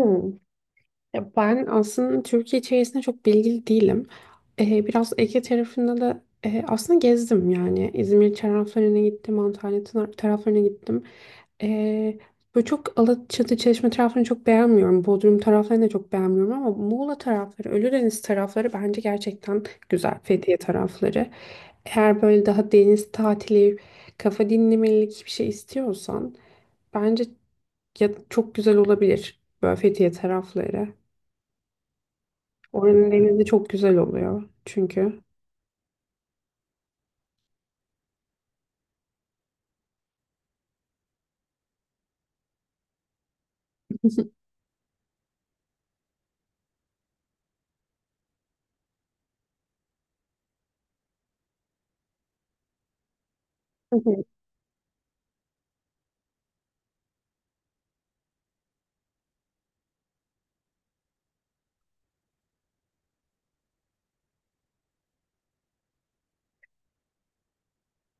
Hmm. Ya ben aslında Türkiye içerisinde çok bilgili değilim. Biraz Ege tarafında da aslında gezdim yani. İzmir taraflarına gittim, Antalya taraflarına gittim. Ee, böyle çok Alaçatı, Çeşme taraflarını çok beğenmiyorum. Bodrum taraflarını da çok beğenmiyorum ama Muğla tarafları, Ölüdeniz tarafları bence gerçekten güzel. Fethiye tarafları. Eğer böyle daha deniz tatili, kafa dinlemelik bir şey istiyorsan bence ya çok güzel olabilir böyle Fethiye tarafları. Oranın denizi çok güzel oluyor çünkü. Hı hı.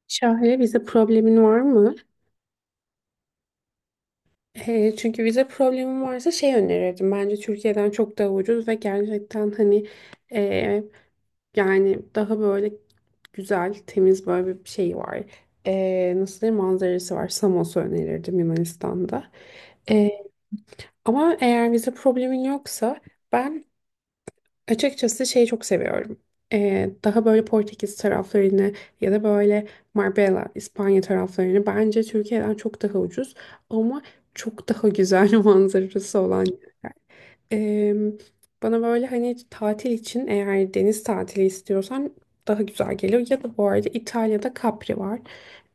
Şahane vize problemin var mı? Çünkü vize problemin varsa şey önerirdim. Bence Türkiye'den çok daha ucuz ve gerçekten hani e, yani daha böyle güzel, temiz böyle bir şey var. Nasıl diyeyim manzarası var. Samos'u önerirdim Yunanistan'da. Ee, ama eğer vize problemin yoksa ben açıkçası şeyi çok seviyorum. Daha böyle Portekiz taraflarını ya da böyle Marbella, İspanya taraflarını bence Türkiye'den çok daha ucuz ama çok daha güzel manzarası olan. Eee, bana böyle hani tatil için eğer deniz tatili istiyorsan daha güzel geliyor. Ya da bu arada İtalya'da Capri var.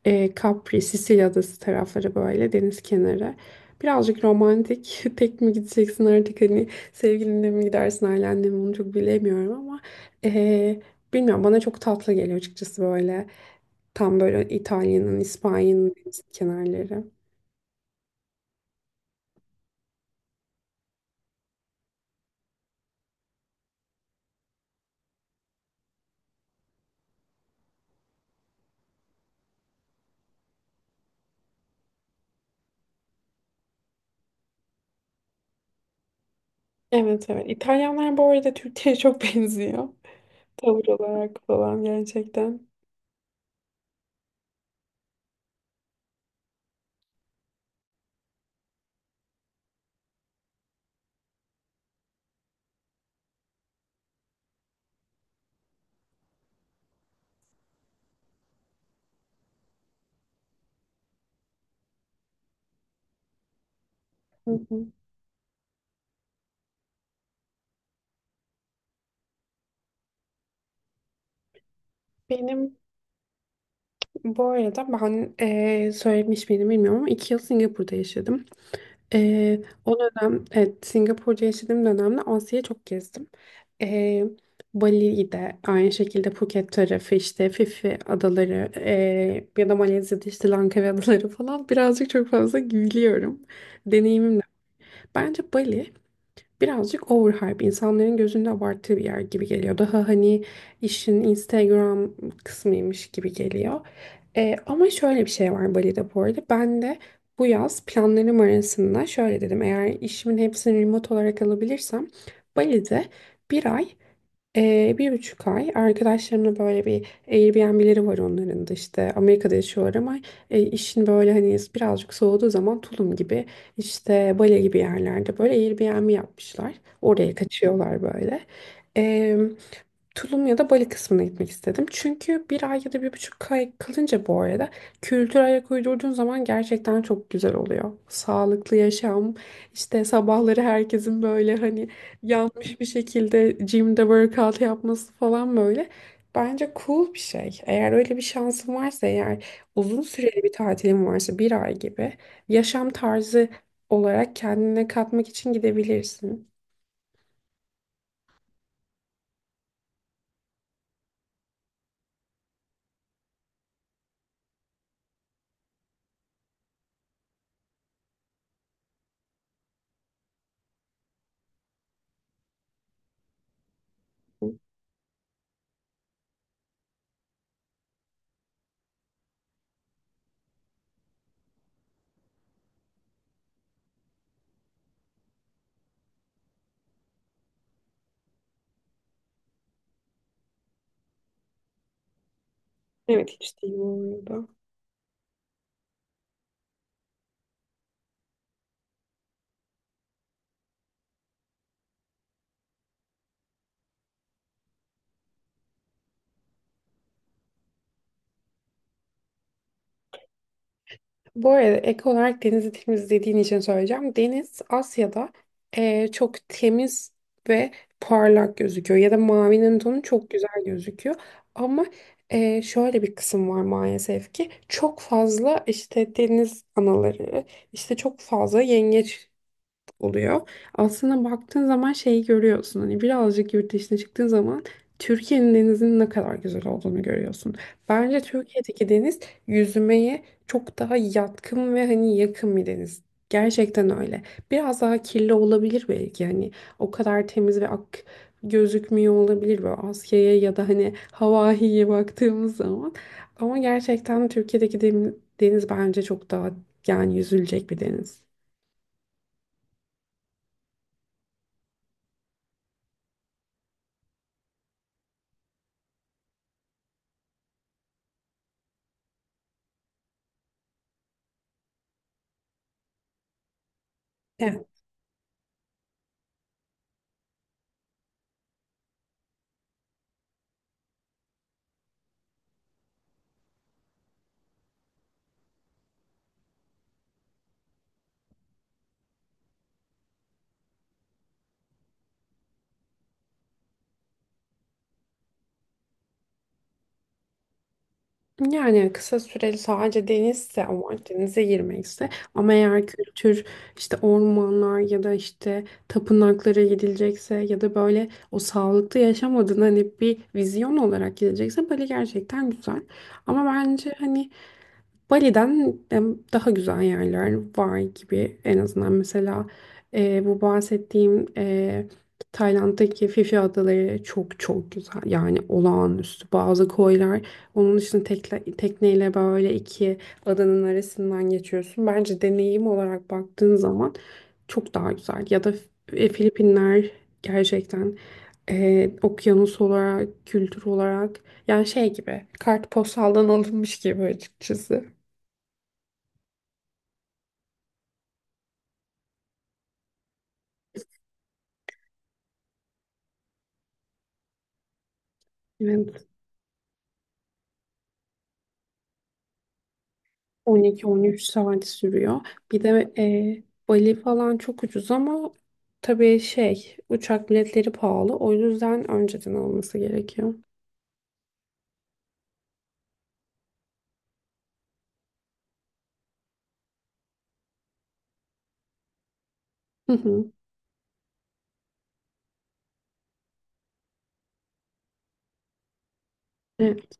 Capri, Sicilya adası tarafları böyle deniz kenarı. Birazcık romantik. Tek mi gideceksin artık hani sevgilinle mi gidersin ailenle mi onu çok bilemiyorum ama eee, bilmiyorum bana çok tatlı geliyor açıkçası böyle tam böyle İtalya'nın, İspanya'nın deniz kenarları. Evet, evet. İtalyanlar bu arada Türkiye'ye çok benziyor. Tavır olarak falan gerçekten. Hı hı. Benim bu arada ben söylemiş miydim bilmiyorum ama 2 yıl Singapur'da yaşadım. O dönem evet Singapur'da yaşadığım dönemde Asya'yı çok gezdim. Ee, Bali'yi de aynı şekilde Phuket tarafı işte Phi adaları ya da Malezya'da işte Langkawi adaları falan birazcık çok fazla gülüyorum. Deneyimim de. Bence Bali birazcık overhype insanların gözünde abarttığı bir yer gibi geliyor. Daha hani işin Instagram kısmıymış gibi geliyor. Ama şöyle bir şey var Bali'de bu arada. Ben de bu yaz planlarım arasında şöyle dedim. Eğer işimin hepsini remote olarak alabilirsem Bali'de bir ay bir buçuk ay arkadaşlarımla böyle bir Airbnb'leri var onların da işte Amerika'da yaşıyorlar ama işin böyle hani birazcık soğuduğu zaman Tulum gibi işte Bali gibi yerlerde böyle Airbnb yapmışlar. Oraya kaçıyorlar böyle. Ee, Tulum ya da Bali kısmına gitmek istedim. Çünkü bir ay ya da bir buçuk ay kalınca bu arada kültür ayak uydurduğun zaman gerçekten çok güzel oluyor. Sağlıklı yaşam, işte sabahları herkesin böyle hani yanmış bir şekilde gym'de workout yapması falan böyle. Bence cool bir şey. Eğer öyle bir şansın varsa eğer uzun süreli bir tatilin varsa bir ay gibi yaşam tarzı olarak kendine katmak için gidebilirsin. Evet hiç değil bu arada. Bu arada ek olarak denizi temizlediğin için söyleyeceğim. Deniz Asya'da çok temiz ve parlak gözüküyor ya da mavinin tonu çok güzel gözüküyor. Ama şöyle bir kısım var maalesef ki çok fazla işte deniz anaları, işte çok fazla yengeç oluyor. Aslında baktığın zaman şeyi görüyorsun. Hani birazcık yurt dışına çıktığın zaman Türkiye'nin denizinin ne kadar güzel olduğunu görüyorsun. Bence Türkiye'deki deniz yüzmeye çok daha yatkın ve hani yakın bir deniz. Gerçekten öyle. Biraz daha kirli olabilir belki hani o kadar temiz ve ak gözükmüyor olabilir böyle Asya'ya ya da hani Hawaii'ye baktığımız zaman. Ama gerçekten Türkiye'deki deniz bence çok daha yani yüzülecek bir deniz. Evet, yani kısa süreli sadece denizse ama denize girmekse ama eğer kültür işte ormanlar ya da işte tapınaklara gidilecekse ya da böyle o sağlıklı yaşam adına hani bir vizyon olarak gidecekse Bali gerçekten güzel. Ama bence hani Bali'den daha güzel yerler var gibi en azından mesela bu bahsettiğim Tayland'daki Phi Phi Adaları çok çok güzel yani olağanüstü bazı koylar onun için tekle, tekneyle böyle iki adanın arasından geçiyorsun bence deneyim olarak baktığın zaman çok daha güzel ya da Filipinler gerçekten okyanus olarak kültür olarak yani şey gibi kartpostaldan alınmış gibi açıkçası. Evet, 12-13 saat sürüyor. Bir de Bali falan çok ucuz ama tabii şey uçak biletleri pahalı. O yüzden önceden alması gerekiyor. Hı hı. Evet,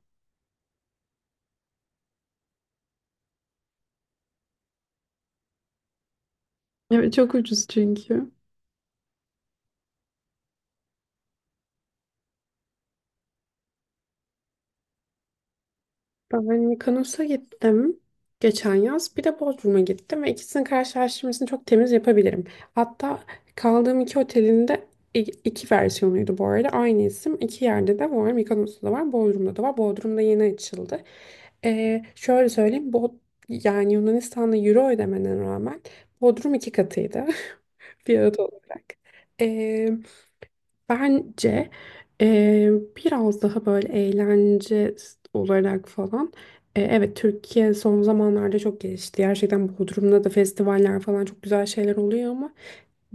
evet çok ucuz çünkü. Ben Mykonos'a gittim geçen yaz. Bir de Bodrum'a gittim ve ikisinin karşılaştırmasını çok temiz yapabilirim. Hatta kaldığım iki otelin de iki versiyonuydu bu arada. Aynı isim iki yerde de var. Mykonos'ta da var, Bodrum'da da var. Bodrum'da yeni açıldı. Şöyle söyleyeyim. Yani Yunanistan'da euro ödemene rağmen Bodrum iki katıydı fiyat olarak. Bence eee, biraz daha böyle eğlence olarak falan. Evet Türkiye son zamanlarda çok gelişti. Gerçekten Bodrum'da da festivaller falan çok güzel şeyler oluyor ama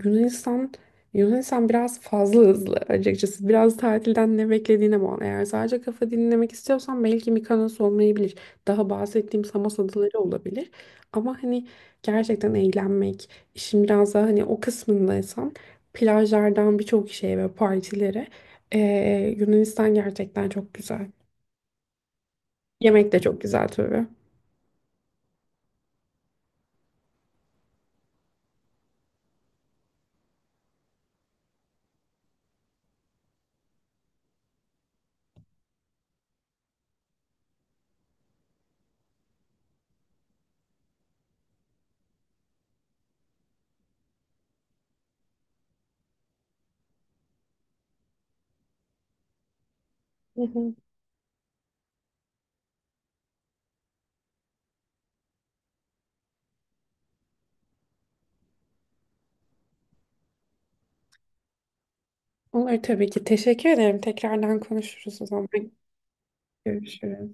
Yunanistan Yunanistan biraz fazla hızlı açıkçası. Biraz tatilden ne beklediğine bağlı. Eğer sadece kafa dinlemek istiyorsan belki Mikonos olmayabilir. Daha bahsettiğim Samos adaları olabilir. Ama hani gerçekten eğlenmek, işin biraz daha hani o kısmındaysan plajlardan birçok şeye ve partilere. Yunanistan gerçekten çok güzel. Yemek de çok güzel tabii. Hı hı. Olur tabii ki. Teşekkür ederim. Tekrardan konuşuruz o zaman. Görüşürüz.